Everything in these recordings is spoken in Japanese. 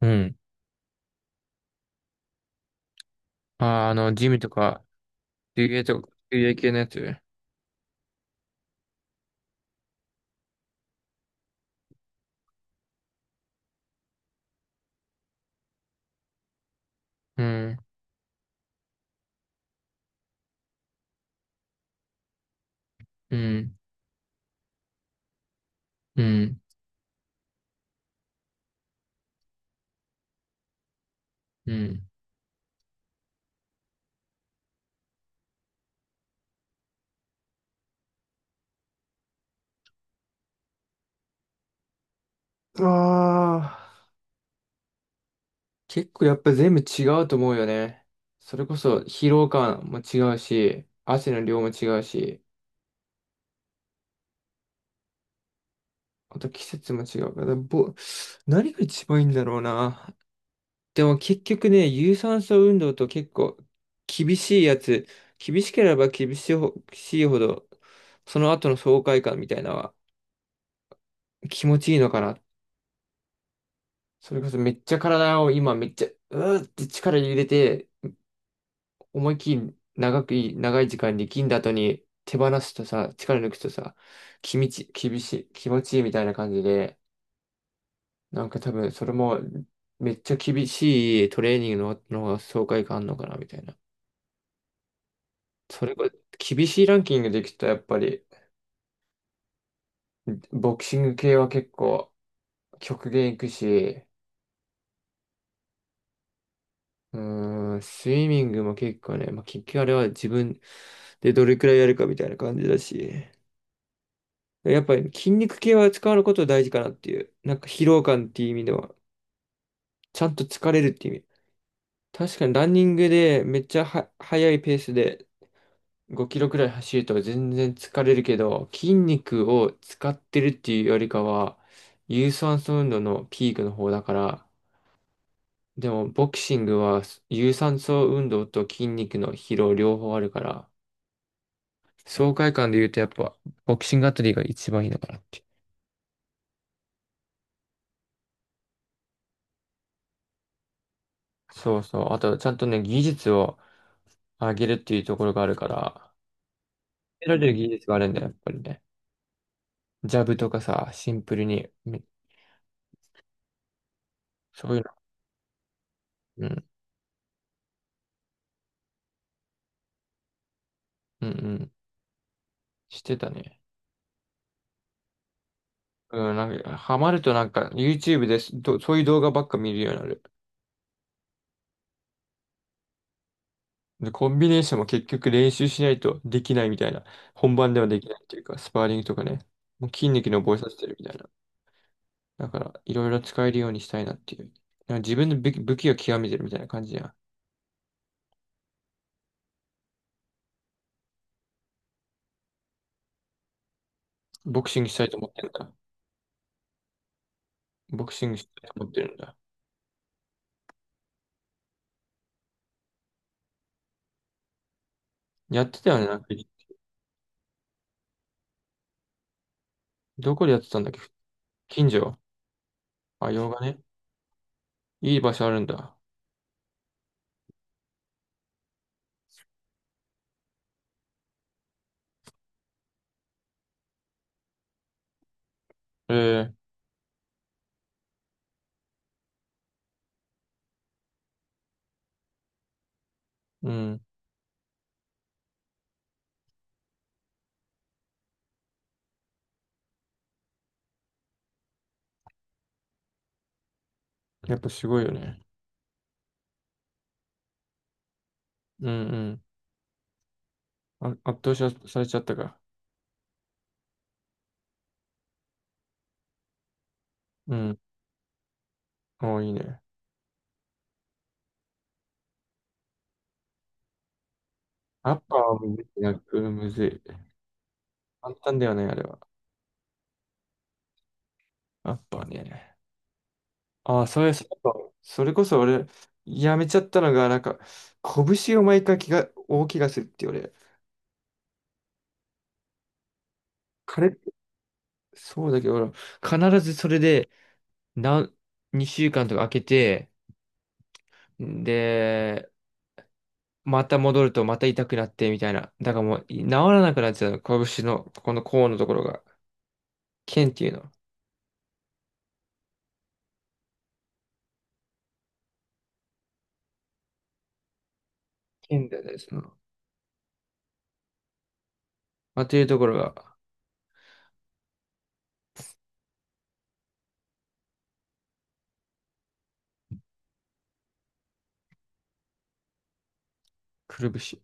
うん。ジムとか、水泳とか、水泳系のやつ。うん、うん、うん、うん。ああ、結構やっぱ全部違うと思うよね。それこそ疲労感も違うし、汗の量も違うし、あと季節も違うから、何が一番いいんだろうな。でも結局ね、有酸素運動と結構厳しいやつ、厳しければ厳しいほ、しいほど、その後の爽快感みたいなのは気持ちいいのかな。それこそめっちゃ体を今めっちゃ、うーって力入れて、思いっきり長くい、長い時間力んだ後に手放すとさ、力抜くとさ、気持ちいいみたいな感じで、なんか多分それもめっちゃ厳しいトレーニングの、の方が爽快感あるのかなみたいな。それこそ厳しいランキングでいくとやっぱり、ボクシング系は結構極限いくし、うスイミングも結構ね、まあ、結局あれは自分でどれくらいやるかみたいな感じだし、やっぱり筋肉系は使うこと大事かなっていう、なんか疲労感っていう意味では、ちゃんと疲れるっていう意味。確かにランニングでめっちゃは速いペースで5キロくらい走ると全然疲れるけど、筋肉を使ってるっていうよりかは、有酸素運動のピークの方だから、でもボクシングは有酸素運動と筋肉の疲労両方あるから、爽快感で言うとやっぱ、ボクシングあたりが一番いいのかなって。そうそう。あと、ちゃんとね、技術を上げるっていうところがあるから、得られる技術があるんだよ、やっぱりね。ジャブとかさ、シンプルに、そういうの、うん、うん、してたね。うん、なんか、ハマるとなんか、YouTube です、どそういう動画ばっか見るようになる。で、コンビネーションも結局練習しないとできないみたいな。本番ではできないっていうか、スパーリングとかね。もう筋肉に覚えさせてるみたいな。だから、いろいろ使えるようにしたいなっていう。なんか自分の武器を極めてるみたいな感じや。ボクシングしたいと思ってるんだ。ボクシングしたいと思ってるんだ。やってたよね、なんか、どこでやってたんだっけ。近所。あ、洋画ね。いい場所あるんだ。ええ。うん。やっぱすごいよね。うんうん。あ、圧倒しされちゃったか。うん。おーいいね。アッパーはむずいな、うんむずい。簡単だよね、あれは。アッパーね。ああ、それ、そそれこそ俺、やめちゃったのが、なんか、拳を毎回気が、大怪我するって俺、彼、そうだけど、俺必ずそれで、なん、2週間とか空けて、で、また戻るとまた痛くなってみたいな。だからもう、治らなくなっちゃうの。拳の、ここの甲のところが、腱っていうの。腱だよね、その。まあ、というところが、くるぶし。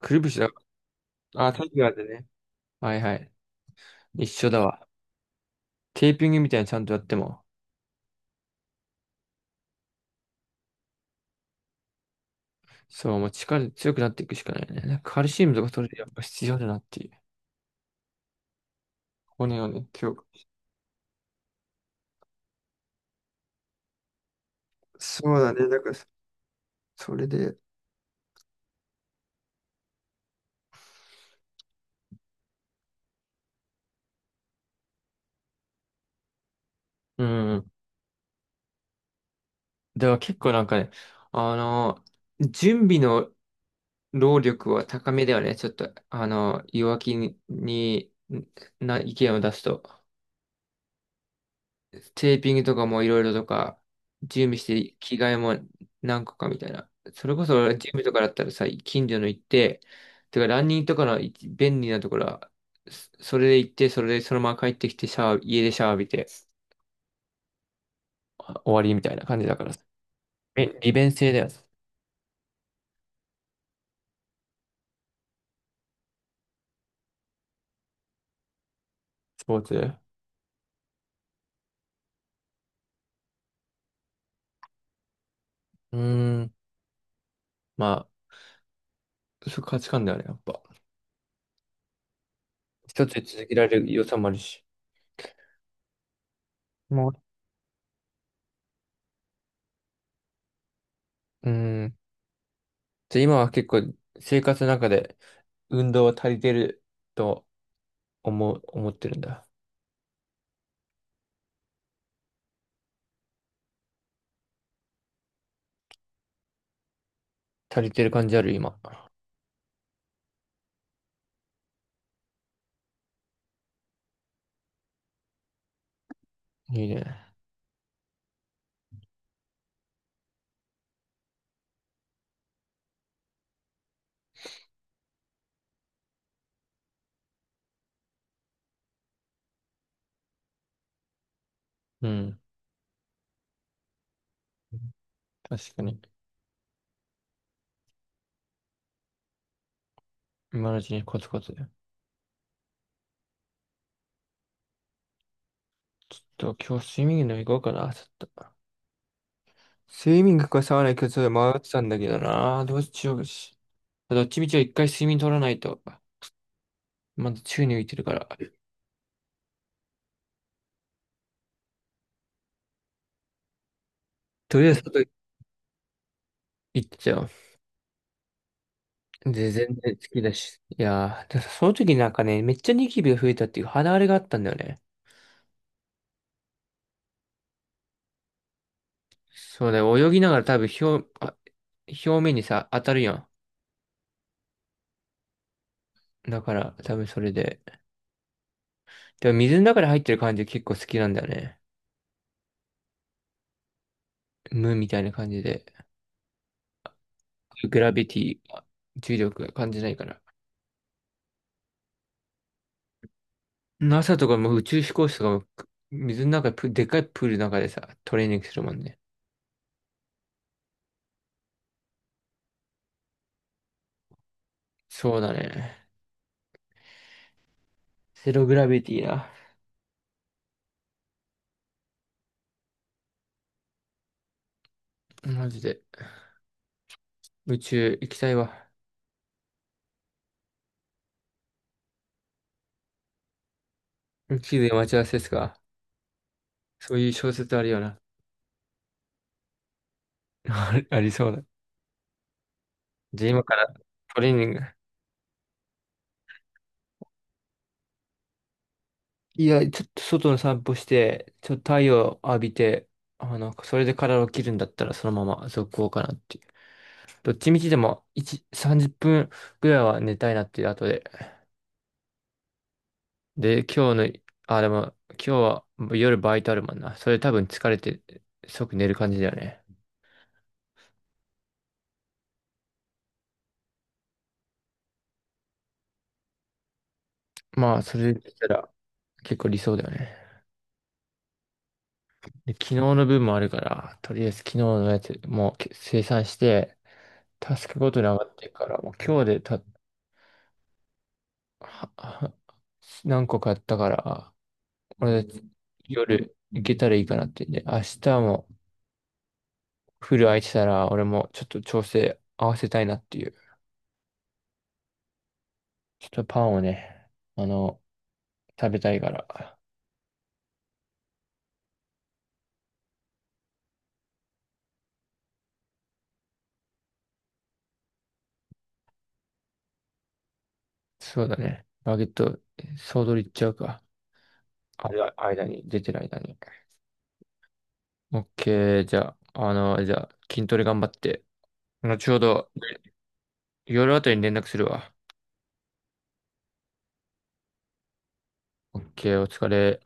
くるぶしだ。ああ、タイガーでね。はいはい。一緒だわ。テーピングみたいにちゃんとやっても。そう、もう力強くなっていくしかないね。なんかカルシウムとか取れてやっぱ必要だなっていう。骨をね、強く。そうだね。だから、それで、うん。だから結構なんかね、あの、準備の労力は高めではね。ちょっと、あの、弱気にな意見を出すと。テーピングとかもいろいろとか、準備して、着替えも何個かみたいな。それこそ準備とかだったらさ、近所の行って、てかランニングとかの一便利なところは、それで行って、それでそのまま帰ってきて、シャワー、家でシャワー浴びて、あ終わりみたいな感じだからさ。え、利便性だよね、スポーツ。ーん、まあ、そう価値観だよね、やっぱ。一つで続けられる良さもあるし。もう、うーん。じゃあ今は結構生活の中で運動は足りてると思ってるんだ。足りてる感じある、今。いいね。うん。確かに。今のうちにコツコツ。ちょっと今日スイミングでも行こうかな、ちょっと。スイミングかサウナ行くかちょっと迷ってたんだけどな。どうしようし。どっちみちは一回睡眠取らないと。まだ宙に浮いてるから。とりあえず外行っちゃう。で、全然好きだし。いやー、ただその時なんかね、めっちゃニキビが増えたっていう肌荒れがあったんだよね。そうだよ、泳ぎながら多分表、あ、表面にさ、当たるやん。だから、多分それで。でも水の中に入ってる感じ結構好きなんだよね。無みたいな感じで。グラビティ重力が感じないから。NASA とかも宇宙飛行士とかも、水の中ででっかいプールの中でさ、トレーニングするもんね。そうだね。ゼログラビティな。マジで。宇宙行きたいわ。宇宙で待ち合わせですか。そういう小説あるよな。ありそうだ。じゃあ今からトレーニング。いや、ちょっと外の散歩して、ちょっと太陽浴びて、それで体を切るんだったらそのまま続行かなっていう。どっちみちでも1、30分ぐらいは寝たいなっていう後で。で、今日の、あ、でも今日は夜バイトあるもんな。それ多分疲れて即寝る感じだよね。まあ、それでしたら結構理想だよね。で、昨日の分もあるから、とりあえず昨日のやつもう生産して、タスクごとに上がってるから、もう今日でたはは何個買ったから、俺、夜行けたらいいかなってんで、明日もフル空いてたら、俺もちょっと調整合わせたいなっていう。ちょっとパンをね、あの、食べたいから。そうだね。バゲット、総取りいっちゃうか。あれは間に、出てる間に。オッケー、じゃあ、筋トレ頑張って。後ほど、夜あたりに連絡するわ。オッケー、お疲れ。